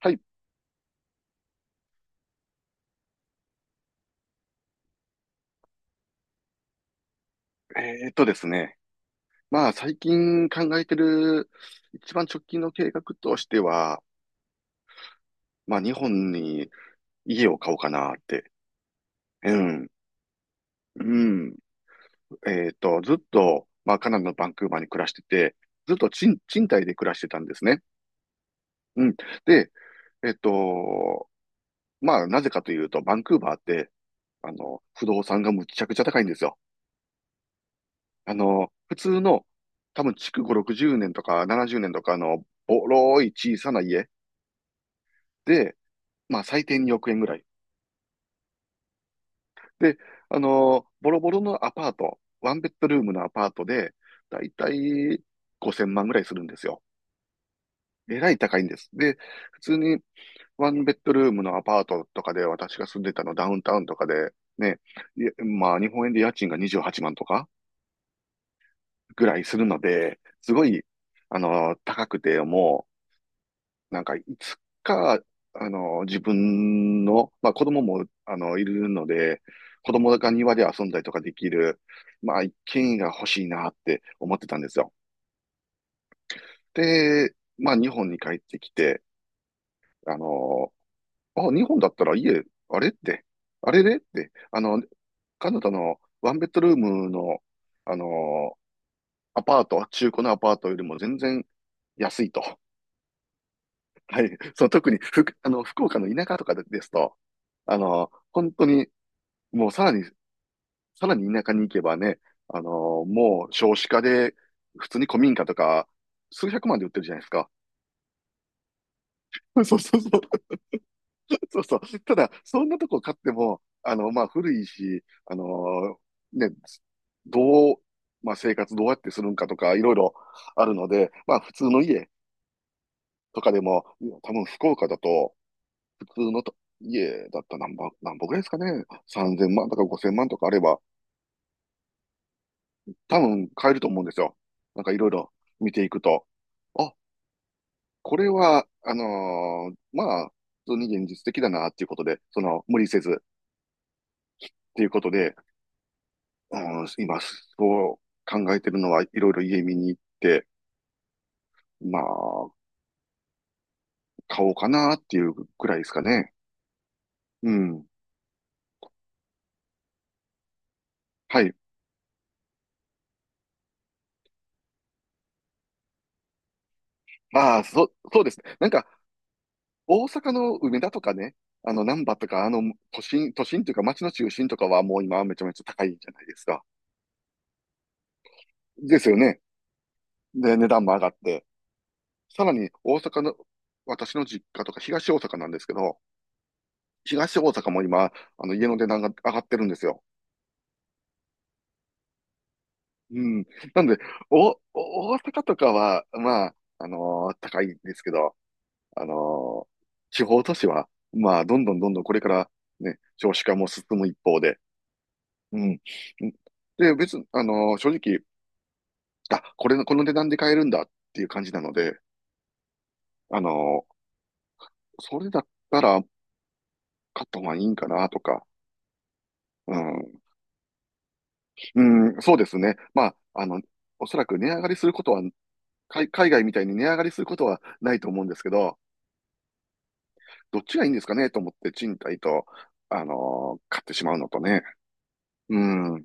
はい。ですね。まあ、最近考えてる一番直近の計画としては、まあ、日本に家を買おうかなって。うん。うん。ずっと、まあ、カナダのバンクーバーに暮らしてて、ずっと賃貸で暮らしてたんですね。うん。で、えーっと、まあ、なぜかというと、バンクーバーって、不動産がむちゃくちゃ高いんですよ。普通の、多分、築5、60年とか70年とかの、ボロい小さな家。で、まあ最低2億円ぐらい。で、ボロボロのアパート、ワンベッドルームのアパートで、だいたい5000万ぐらいするんですよ。えらい高いんです。で、普通にワンベッドルームのアパートとかで、私が住んでたのダウンタウンとかで、ね、いやまあ日本円で家賃が28万とかぐらいするので、すごい、あの高くて、もなんかいつか、自分の、まあ子供も、いるので、子供が庭で遊んだりとかできる、まあ一軒家が欲しいなって思ってたんですよ。で、まあ日本に帰ってきて、あの、あ、日本だったら家、あれって、あれれって、カナダのワンベッドルームの、あの、アパート、中古のアパートよりも全然安いと。はい。その特にふあの、福岡の田舎とかですと、本当に、もうさらに田舎に行けばね、あの、もう少子化で、普通に古民家とか、数百万で売ってるじゃないですか。そうそうそう。そうそう。ただ、そんなとこ買っても、まあ、古いし、ね、どう、まあ、生活どうやってするんかとか、いろいろあるので、まあ、普通の家とかでも、多分福岡だと、普通の家だったら何ぼぐらいですかね。3000万とか5000万とかあれば、多分買えると思うんですよ。なんかいろいろ見ていくと。あ、これは、まあ、普通に現実的だなっていうことで、その、無理せずっていうことで、うん、今、そう考えてるのはいろいろ家見に行って、まあ、買おうかなっていうくらいですかね。うん。はい。ああ、そうですね。なんか、大阪の梅田とかね、難波とか、都心というか街の中心とかはもう今はめちゃめちゃ高いじゃないですか。ですよね。で、値段も上がって。さらに大阪の、私の実家とか東大阪なんですけど、東大阪も今、家の値段が上がってるんですよ。うん。なんで、大阪とかは、まあ、高いですけど、あのー地方都市は、まあ、どんどんどんどんこれからね、少子化も進む一方で、うん。で、別に、正直、あ、この値段で買えるんだっていう感じなので、あの、それだったら買った方がいいんかなとか、うん、うん、そうですね。まあ、おそらく値上がりすることは、海外みたいに値上がりすることはないと思うんですけど、どっちがいいんですかねと思って賃貸と、買ってしまうのとね。うん、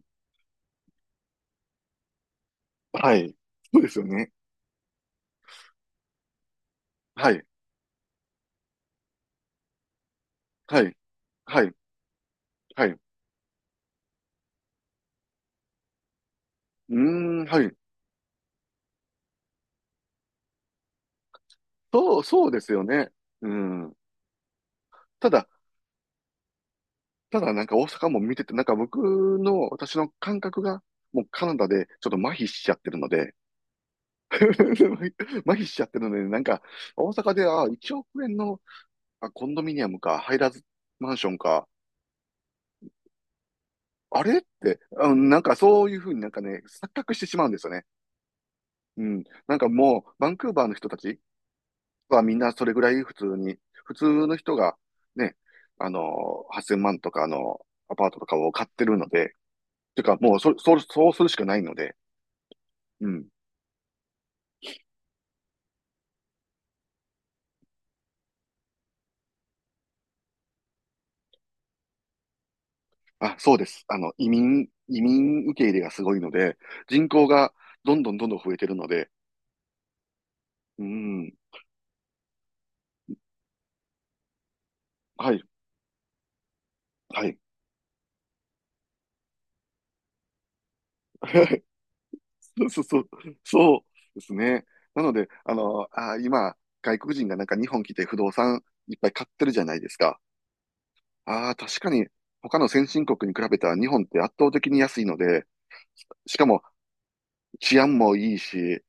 はい。そうですよね。はい、はい、はい、はい。うーん、はい。そうですよね。うん。ただ、ただなんか大阪も見てて、なんか私の感覚が、もうカナダでちょっと麻痺しちゃってるので 麻痺しちゃってるので、なんか大阪で、あ、1億円の、あ、コンドミニアムか、ハイラズマンションか、あれって、なんかそういうふうになんかね、錯覚してしまうんですよね。うん。なんかもう、バンクーバーの人たちはみんなそれぐらい普通に、普通の人が、ね、8000万とかのアパートとかを買ってるので、てかもうそうするしかないので、うん。あ、そうです。移民受け入れがすごいので、人口がどんどんどんどん増えてるので、うん。はい。はい。そうそうそう。そうですね。なので、今、外国人がなんか日本来て不動産いっぱい買ってるじゃないですか。ああ、確かに、他の先進国に比べたら日本って圧倒的に安いので、しかも治安もいいし、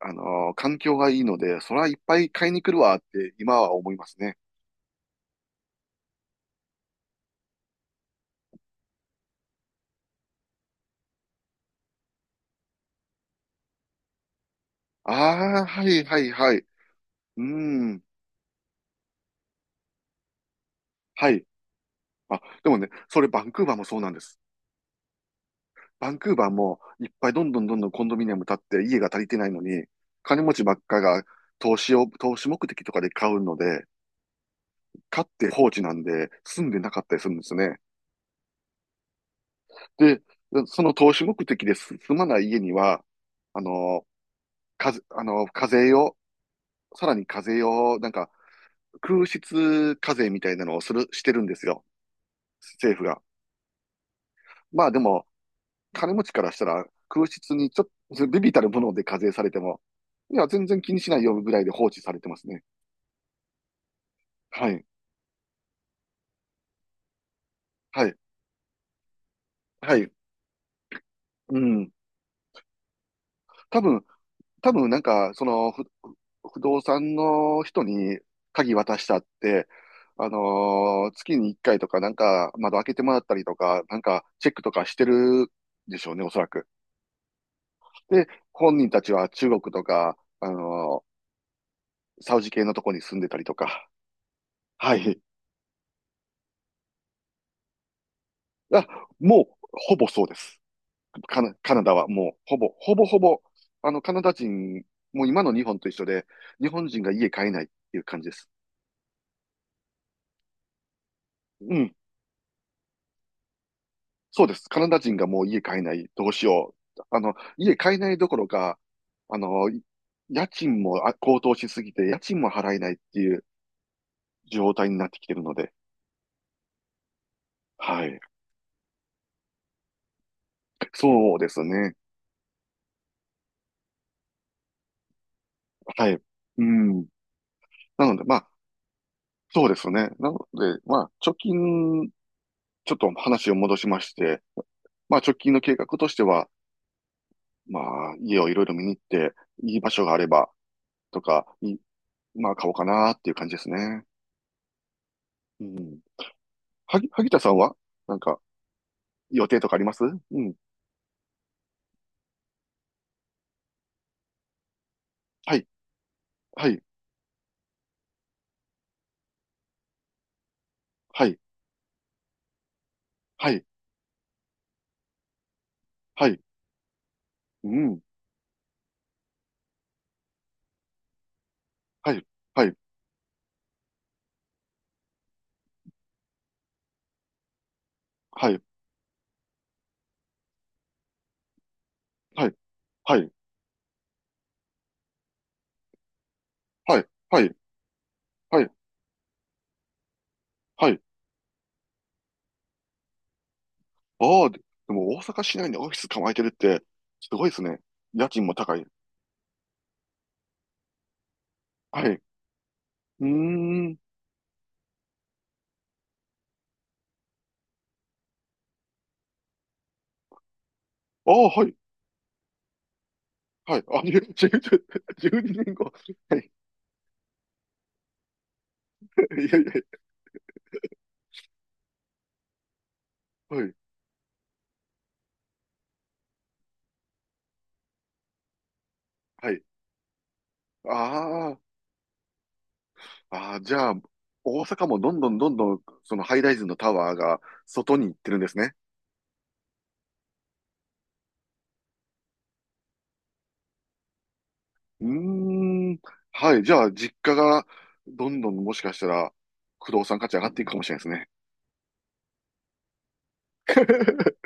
環境がいいので、そらいっぱい買いに来るわって今は思いますね。ああ、はいはいはい。うーん。はい。あ、でもね、それバンクーバーもそうなんです。バンクーバーもいっぱいどんどんどんどんコンドミニアム建って家が足りてないのに、金持ちばっかが投資目的とかで買うので、買って放置なんで住んでなかったりするんですね。で、その投資目的です住まない家には、あの、かぜ、あの、課税を、さらに課税を、なんか、空室課税みたいなのをしてるんですよ。政府が。まあでも、金持ちからしたら空室にちょっと、ビビたるもので課税されても、いや、全然気にしないよぐらいで放置されてますね。はい。はい。はい。うん。多分、多分なんか、その、不動産の人に鍵渡したって、月に1回とかなんか窓開けてもらったりとか、なんかチェックとかしてるでしょうね、おそらく。で、本人たちは中国とか、サウジ系のとこに住んでたりとか。はい。あ、もう、ほぼそうです。カナダはもう、ほぼほぼ、カナダ人、もう今の日本と一緒で、日本人が家買えないっていう感じです。うん。そうです。カナダ人がもう家買えない。どうしよう。家買えないどころか、あの、家賃も高騰しすぎて、家賃も払えないっていう状態になってきてるので。はい。そうですね。はい。うん。なので、まあ、そうですね。なので、まあ、貯金、ちょっと話を戻しまして、まあ、直近の計画としては、まあ、家をいろいろ見に行って、いい場所があれば、とか、まあ、買おうかなっていう感じですね。うん。萩田さんはなんか、予定とかありますうん。はい、はい、はい、はい、はい、うん。はい、はい、はい、はい、はい、はい、はい、はい、はい。ああ、でも大阪市内にオフィス構えてるって、すごいですね。家賃も高い。はい。うーん。ああ、はい、はい。あ、12ん後。はい。いやいや、はい、はい。ああ、ああ、じゃあ、大阪もどんどんどんどん、そのハイライズのタワーが外に行ってるんですね。うーん。はい。じゃあ、実家がどんどんもしかしたら、不動産価値上がっていくかもしれないですね。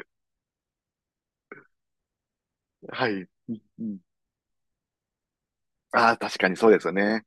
はい。うんうん、ああ、確かにそうですよね。